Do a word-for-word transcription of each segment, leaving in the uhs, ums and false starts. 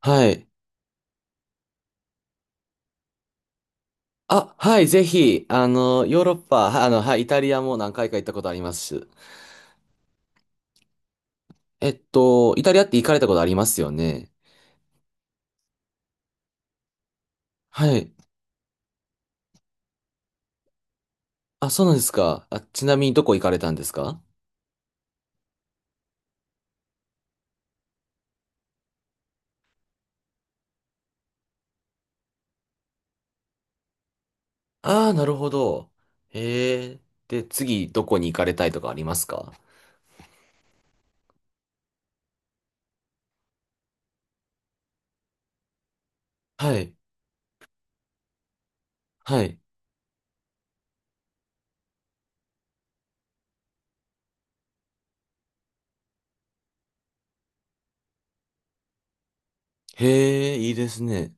はい。あ、はい、ぜひ、あの、ヨーロッパ、はあの、はい、イタリアも何回か行ったことあります。えっと、イタリアって行かれたことありますよね。はい。あ、そうなんですか。あ、ちなみにどこ行かれたんですか？ああー、なるほど。へえ。で、次、どこに行かれたいとかありますか？はい。はい。へえ、いいですね。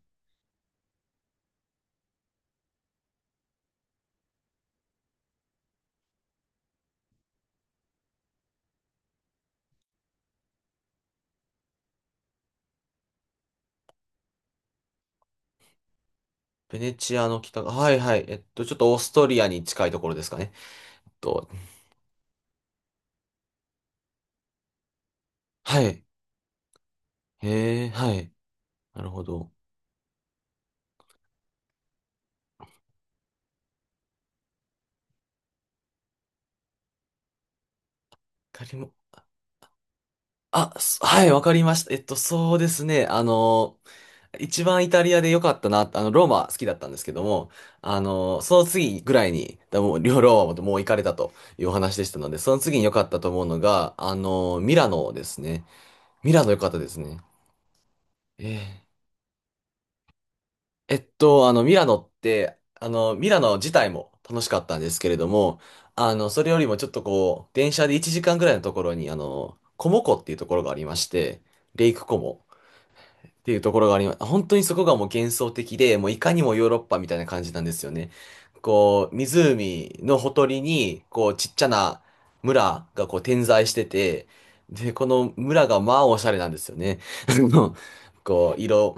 ベネチアの北が、はいはい。えっと、ちょっとオーストリアに近いところですかね。えっと、はい。へえ、はい。なるほど。イタリアも。あ、すはい、わかりました。えっと、そうですね。あの、一番イタリアで良かったな、あの、ローマ好きだったんですけども、あの、その次ぐらいに、だもう、両ローマももう行かれたというお話でしたので、その次に良かったと思うのが、あの、ミラノですね。ミラノ良かったですね。えええっと、あの、ミラノって、あの、ミラノ自体も楽しかったんですけれども、あの、それよりもちょっとこう、電車でいちじかんぐらいのところに、あの、コモ湖っていうところがありまして、レイクコモっていうところがあります。本当にそこがもう幻想的で、もういかにもヨーロッパみたいな感じなんですよね。こう、湖のほとりに、こう、ちっちゃな村がこう点在してて、で、この村がまあおしゃれなんですよね。あのこう、色、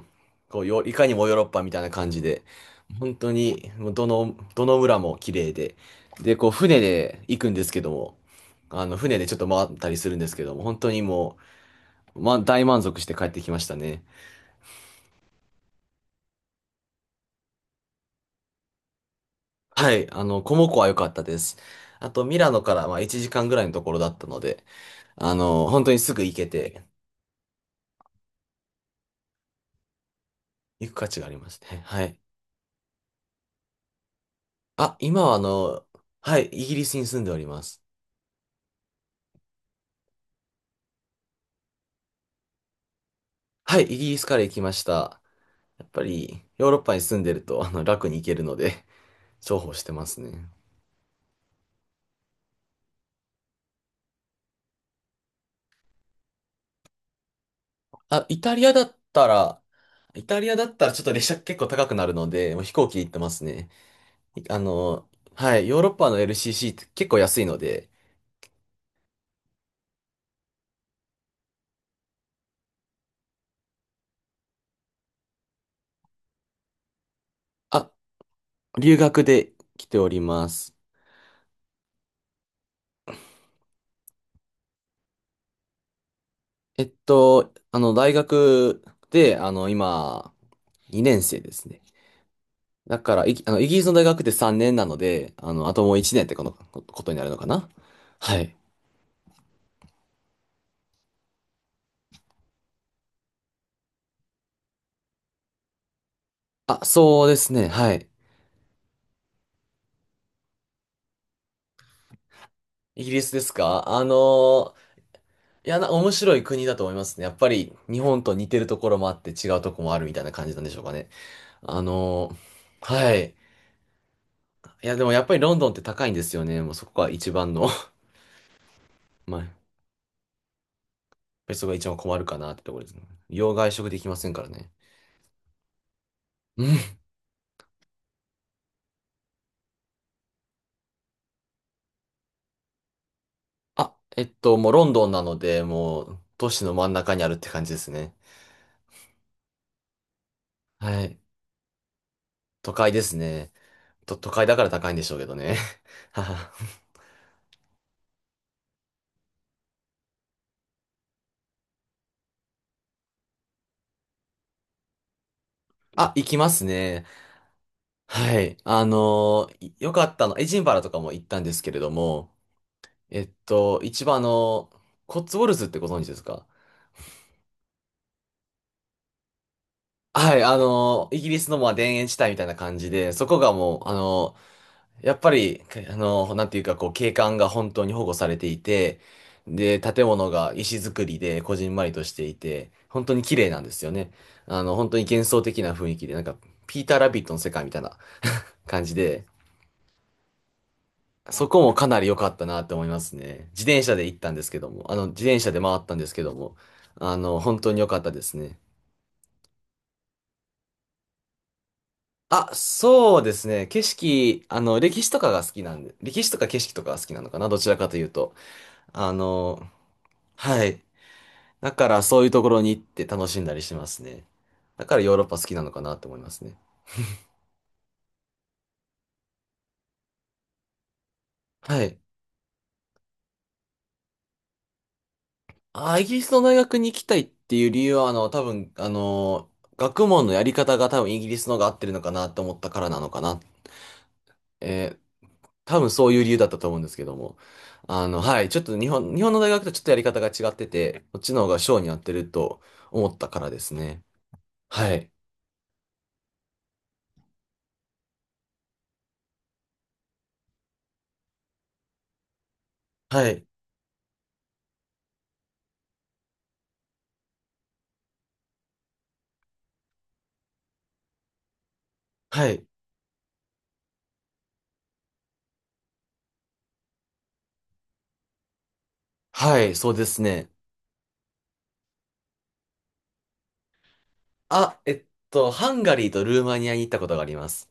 こう、よいかにもヨーロッパみたいな感じで、本当に、もうどの、どの村も綺麗で、で、こう、船で行くんですけども、あの、船でちょっと回ったりするんですけども、本当にもう、ま、大満足して帰ってきましたね。はい、あの、コモコは良かったです。あと、ミラノからまあいちじかんぐらいのところだったので、あの、本当にすぐ行けて、行く価値がありますね。はい。あ、今はあの、はい、イギリスに住んでおります。はい、イギリスから行きました。やっぱり、ヨーロッパに住んでると、あの、楽に行けるので、重宝してますね。あ、イタリアだったら、イタリアだったらちょっと列車結構高くなるので、もう飛行機で行ってますね。いあの、はい、ヨーロッパの エルシーシー って結構安いので、あ、留学で来ております。えっと、あの、大学で、あの、今、に生ですね。だから、いあの、イギリスの大学ってさんねんなので、あの、あともういちねんってこのこことになるのかな？はい。あ、そうですね。はい。イギリスですか？あのーいや、な、面白い国だと思いますね。やっぱり、日本と似てるところもあって違うとこもあるみたいな感じなんでしょうかね。あのーはい。いや、でもやっぱりロンドンって高いんですよね。もうそこが一番の、 まあペソが一番困るかなってところですね。洋外食できませんからね。うん。あ、えっと、もうロンドンなので、もう都市の真ん中にあるって感じですね。はい。都会ですね。と、都会だから高いんでしょうけどね。はは、あ、行きますね。はい。あのーいよかったの、エジンバラとかも行ったんですけれども、えっと、一番あの、コッツウォルズってご存知ですか？はい、あのーイギリスのまあ田園地帯みたいな感じで、そこがもう、あのやっぱり、かあの、なんていうか、こう、景観が本当に保護されていて、で、建物が石造りで、こじんまりとしていて、本当に綺麗なんですよね。あの、本当に幻想的な雰囲気で、なんか、ピーター・ラビットの世界みたいな感じで、そこもかなり良かったなって思いますね。自転車で行ったんですけども、あの、自転車で回ったんですけども、あの、本当に良かったですね。あ、そうですね。景色、あの、歴史とかが好きなんで、歴史とか景色とかが好きなのかな、どちらかというと。あの、はい。だからそういうところに行って楽しんだりしますね。だからヨーロッパ好きなのかなと思いますね。はい。あ、イギリスの大学に行きたいっていう理由は、あの、多分、あの、学問のやり方が多分イギリスのが合ってるのかなと思ったからなのかな。えー多分そういう理由だったと思うんですけども。あの、はい。ちょっと日本、日本の大学とちょっとやり方が違ってて、こっちの方が性に合ってると思ったからですね。はい。はい。はい。はい。そうですね。あ、えっと、ハンガリーとルーマニアに行ったことがあります。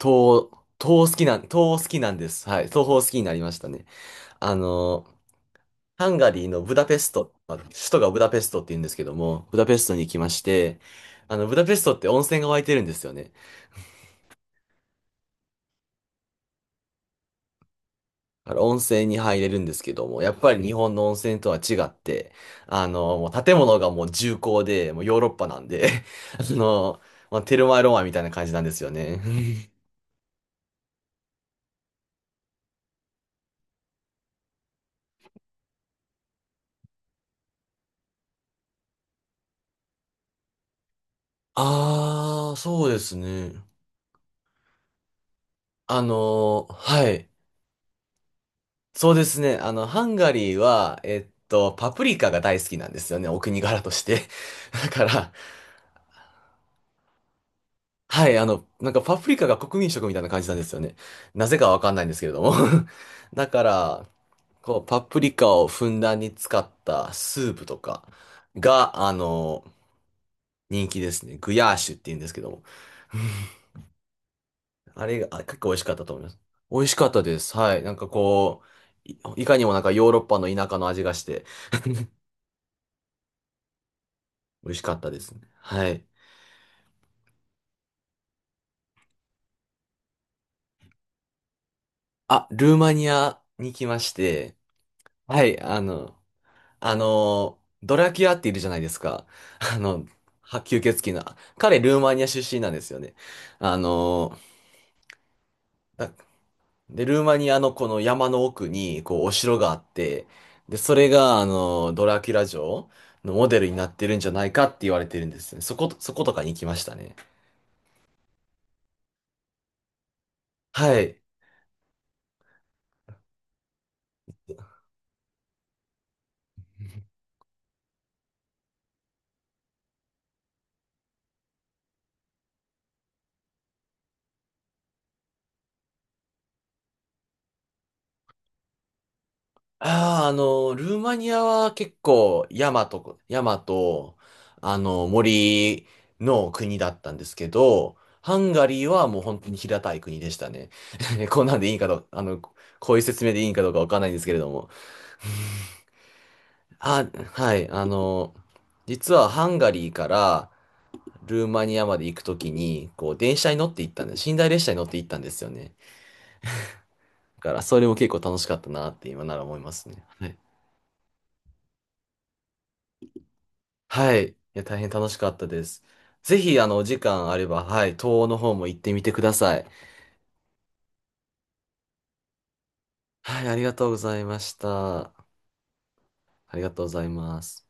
東、東好きなん、東好きなんです。はい。東方好きになりましたね。あの、ハンガリーのブダペスト、まあ首都がブダペストって言うんですけども、ブダペストに行きまして、あの、ブダペストって温泉が湧いてるんですよね。だから温泉に入れるんですけども、やっぱり日本の温泉とは違って、あの、もう建物がもう重厚で、もうヨーロッパなんで、あの、まあ、テルマエロマエみたいな感じなんですよね。あー、そうですね。あの、はい。そうですね。あの、ハンガリーは、えっと、パプリカが大好きなんですよね。お国柄として。だから、はい、あの、なんかパプリカが国民食みたいな感じなんですよね。なぜかわかんないんですけれども。だから、こう、パプリカをふんだんに使ったスープとかが、あの、人気ですね。グヤーシュって言うんですけども。あれが、あ結構美味しかったと思います。美味しかったです。はい。なんかこう、いいかにもなんかヨーロッパの田舎の味がして、美味しかったですね。はい。あ、ルーマニアに来まして、はい、あの、あの、ドラキュアっているじゃないですか。あの、は吸血鬼の。彼、ルーマニア出身なんですよね。あの、だで、ルーマニアのこの山の奥に、こう、お城があって、で、それが、あの、ドラキュラ城のモデルになってるんじゃないかって言われてるんですね。そこ、そことかに行きましたね。はい。ああ、あの、ルーマニアは結構山と、山と、あの、森の国だったんですけど、ハンガリーはもう本当に平たい国でしたね。こんなんでいいかどうかあの、こういう説明でいいんかどうかわかんないんですけれども。あ、はい、あの、実はハンガリーからルーマニアまで行くときに、こう、電車に乗って行ったんで、寝台列車に乗って行ったんですよね。だから、それも結構楽しかったなって今なら思いますね。はい。いや、大変楽しかったです。ぜひ、あの、お時間あれば、はい、東欧の方も行ってみてください。はい、ありがとうございました。ありがとうございます。